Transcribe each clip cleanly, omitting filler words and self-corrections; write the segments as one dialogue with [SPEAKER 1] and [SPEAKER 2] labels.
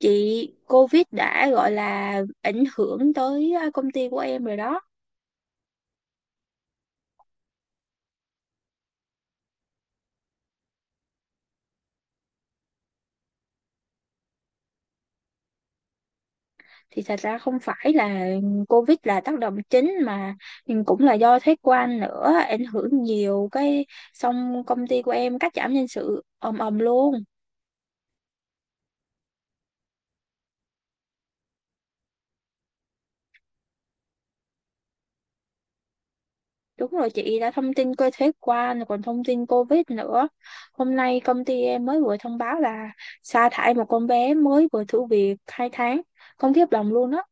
[SPEAKER 1] Chị, COVID đã gọi là ảnh hưởng tới công ty của em rồi đó. Thì thật ra không phải là COVID là tác động chính, mà cũng là do thuế quan nữa ảnh hưởng nhiều cái, xong công ty của em cắt giảm nhân sự ầm ầm luôn. Đúng rồi chị, đã thông tin coi thuế quan rồi còn thông tin COVID nữa. Hôm nay công ty em mới vừa thông báo là sa thải một con bé mới vừa thử việc 2 tháng. Không, khiếp lòng luôn đó.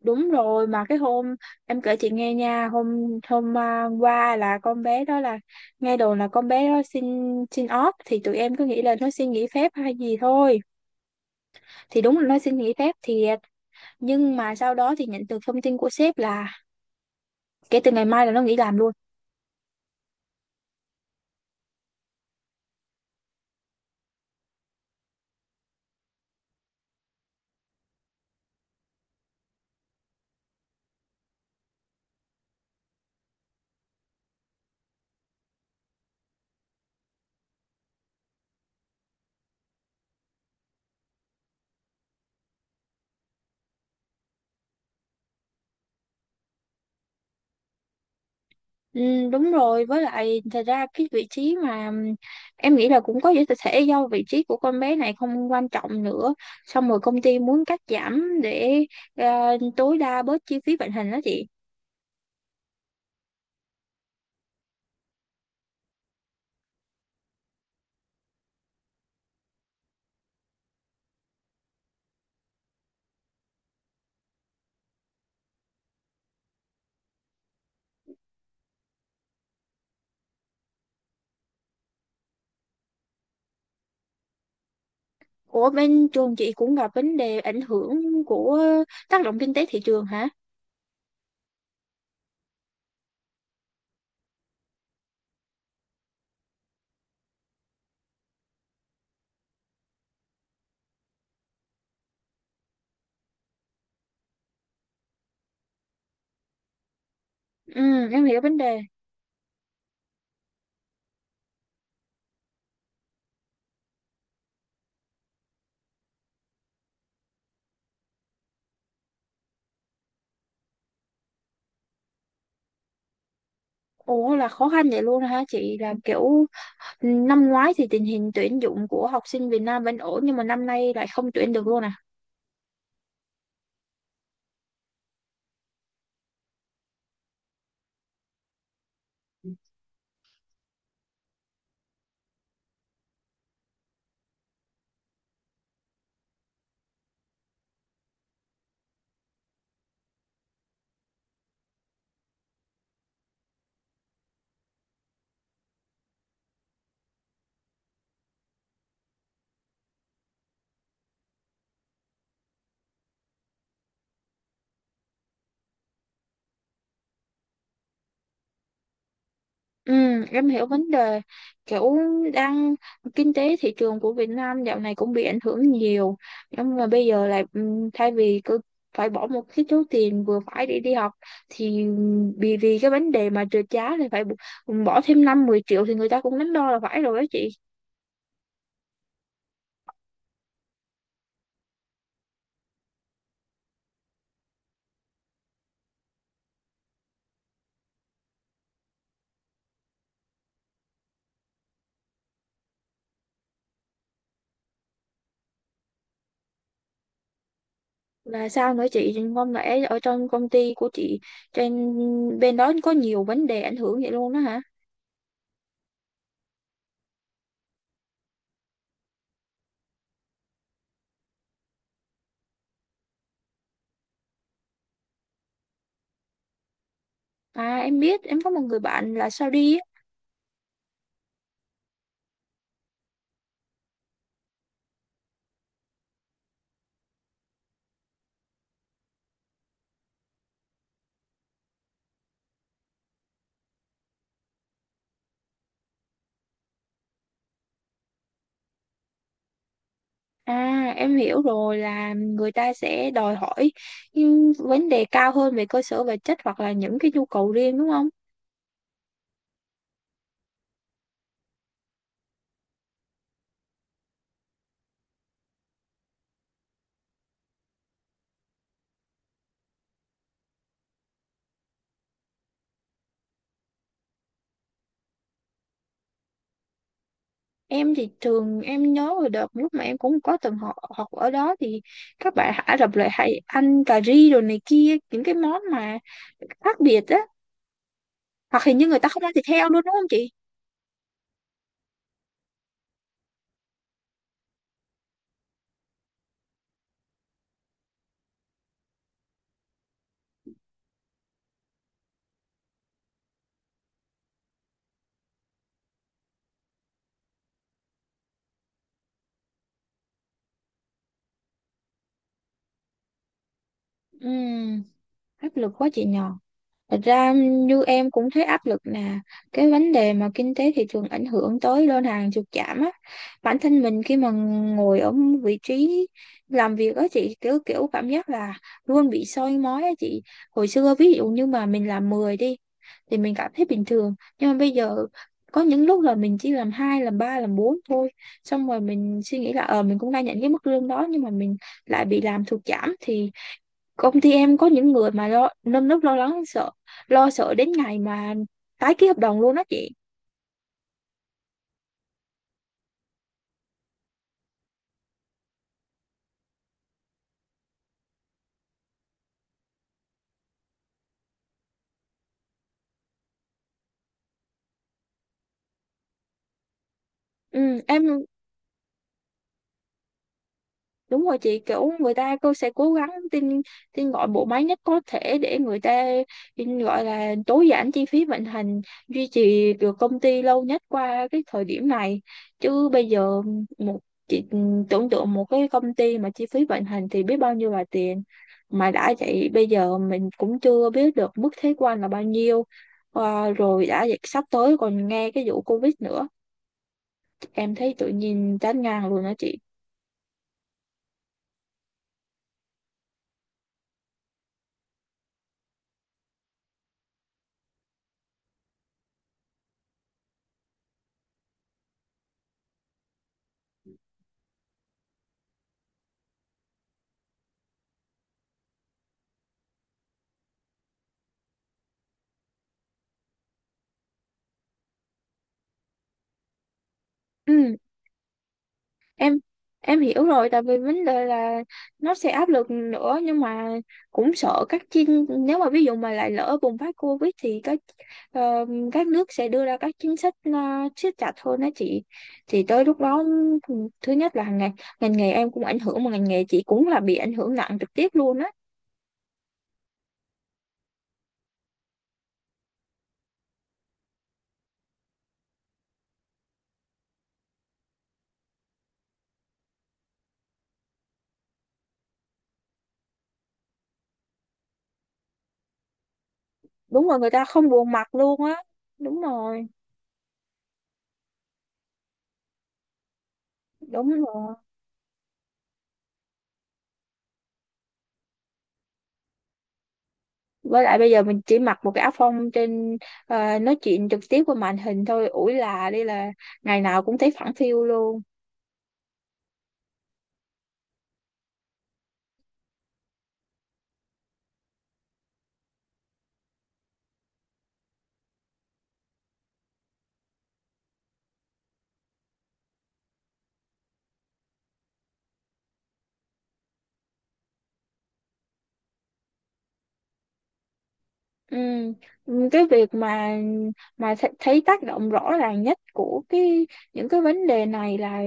[SPEAKER 1] Đúng rồi, mà cái hôm em kể chị nghe nha, hôm hôm à, qua là con bé đó là, nghe đồn là con bé đó xin xin off. Thì tụi em cứ nghĩ là nó xin nghỉ phép hay gì thôi, thì đúng là nó xin nghỉ phép thiệt. Nhưng mà sau đó thì nhận được thông tin của sếp là kể từ ngày mai là nó nghỉ làm luôn. Ừ, đúng rồi, với lại thật ra cái vị trí mà em nghĩ là cũng có thể thể do vị trí của con bé này không quan trọng nữa, xong rồi công ty muốn cắt giảm để tối đa bớt chi phí vận hành đó chị. Ủa bên trường chị cũng gặp vấn đề ảnh hưởng của tác động kinh tế thị trường hả? Ừ, em hiểu vấn đề. Ủa là khó khăn vậy luôn hả chị? Là kiểu, năm ngoái thì tình hình tuyển dụng của học sinh Việt Nam vẫn ổn nhưng mà năm nay lại không tuyển được luôn à? Ừ, em hiểu vấn đề. Kiểu đang kinh tế thị trường của Việt Nam dạo này cũng bị ảnh hưởng nhiều, nhưng mà bây giờ là thay vì cứ phải bỏ một cái số tiền vừa phải để đi học, thì vì vì cái vấn đề mà trượt giá thì phải bỏ thêm 5 10 triệu thì người ta cũng đắn đo là phải rồi đó chị. Là sao nữa chị, không lẽ ở trong công ty của chị, trên bên đó có nhiều vấn đề ảnh hưởng vậy luôn đó hả? À, em biết, em có một người bạn là sao đi. À, em hiểu rồi là người ta sẽ đòi hỏi những vấn đề cao hơn về cơ sở vật chất hoặc là những cái nhu cầu riêng đúng không? Em thì trường em nhớ hồi đợt lúc mà em cũng có từng học học ở đó, thì các bạn Ả Rập lại hay ăn cà ri rồi này kia, những cái món mà khác biệt á. Hoặc hình như người ta không ăn thịt heo luôn đúng không chị? Ừ, áp lực quá chị nhờ. Thật ra như em cũng thấy áp lực nè, cái vấn đề mà kinh tế thị trường ảnh hưởng tới đơn hàng sụt giảm á, bản thân mình khi mà ngồi ở vị trí làm việc á chị, kiểu kiểu cảm giác là luôn bị soi mói á chị. Hồi xưa ví dụ như mà mình làm 10 đi, thì mình cảm thấy bình thường. Nhưng mà bây giờ có những lúc là mình chỉ làm hai, làm ba, làm bốn thôi, xong rồi mình suy nghĩ là mình cũng đang nhận cái mức lương đó nhưng mà mình lại bị làm sụt giảm. Thì công ty em có những người mà lo nơm nớp lo lắng sợ, lo sợ đến ngày mà tái ký hợp đồng luôn á chị. Ừ, em, đúng rồi chị, kiểu người ta cô sẽ cố gắng tin tin gọi bộ máy nhất có thể để người ta tin gọi là tối giản chi phí vận hành, duy trì được công ty lâu nhất qua cái thời điểm này. Chứ bây giờ một chị tưởng tượng một cái công ty mà chi phí vận hành thì biết bao nhiêu là tiền, mà đã vậy bây giờ mình cũng chưa biết được mức thuế quan là bao nhiêu. Rồi đã vậy sắp tới còn nghe cái vụ Covid nữa, em thấy tự nhiên chán ngang luôn đó chị. Ừ. em em hiểu rồi, tại vì vấn đề là nó sẽ áp lực nữa. Nhưng mà cũng sợ các chính, nếu mà ví dụ mà lại lỡ bùng phát Covid thì ờ, các nước sẽ đưa ra các chính sách siết chặt hơn đó chị. Thì tới lúc đó thứ nhất là ngành ngành nghề em cũng ảnh hưởng, mà ngành nghề chị cũng là bị ảnh hưởng nặng trực tiếp luôn á. Đúng rồi, người ta không buồn mặt luôn á. Đúng rồi. Đúng rồi, với lại bây giờ mình chỉ mặc một cái áo phông trên, nói chuyện trực tiếp qua màn hình thôi, ủi là đi là ngày nào cũng thấy phẳng phiu luôn. Ừ. Cái việc mà thấy tác động rõ ràng nhất của cái những cái vấn đề này là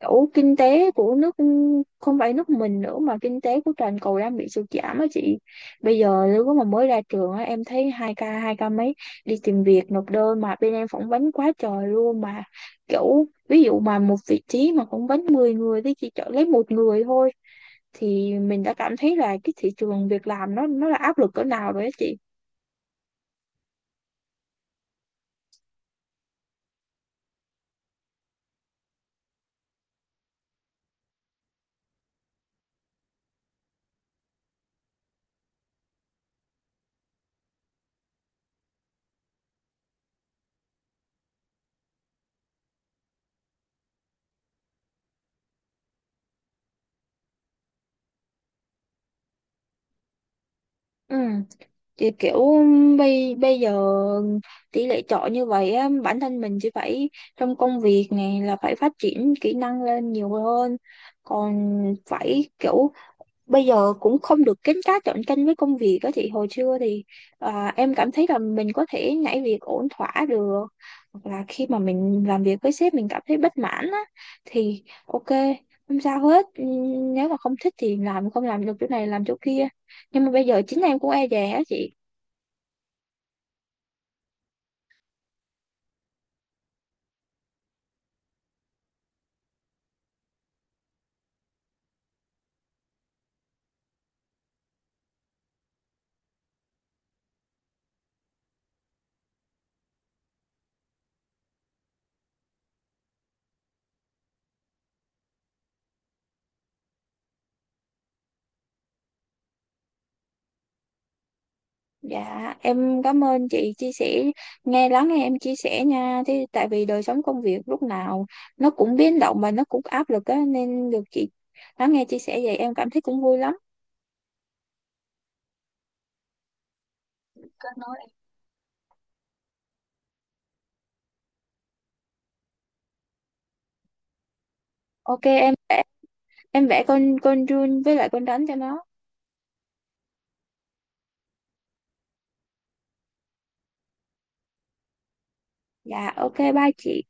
[SPEAKER 1] kiểu kinh tế của nước, không phải nước mình nữa mà kinh tế của toàn cầu đang bị sụt giảm á chị. Bây giờ nếu mà mới ra trường á, em thấy hai ca mấy đi tìm việc nộp đơn mà bên em phỏng vấn quá trời luôn. Mà kiểu ví dụ mà một vị trí mà phỏng vấn 10 người thì chỉ chọn lấy một người thôi, thì mình đã cảm thấy là cái thị trường việc làm nó là áp lực cỡ nào rồi á chị. Ừ, thì kiểu bây bây giờ tỷ lệ chọi như vậy á, bản thân mình chỉ phải trong công việc này là phải phát triển kỹ năng lên nhiều hơn. Còn phải kiểu bây giờ cũng không được kín cá chọn canh với công việc á. Thì hồi xưa thì em cảm thấy là mình có thể nhảy việc ổn thỏa được, hoặc là khi mà mình làm việc với sếp mình cảm thấy bất mãn á thì ok, không sao hết. Ừ, nếu mà không thích thì làm, không làm được chỗ này làm chỗ kia. Nhưng mà bây giờ chính em cũng e dè á chị. Dạ, em cảm ơn chị chia sẻ, lắng nghe em chia sẻ nha. Thế tại vì đời sống công việc lúc nào nó cũng biến động và nó cũng áp lực á, nên được chị lắng nghe chia sẻ vậy em cảm thấy cũng vui lắm. Kết nối. Ok, em vẽ con run với lại con rắn cho nó. Dạ, ok bye chị.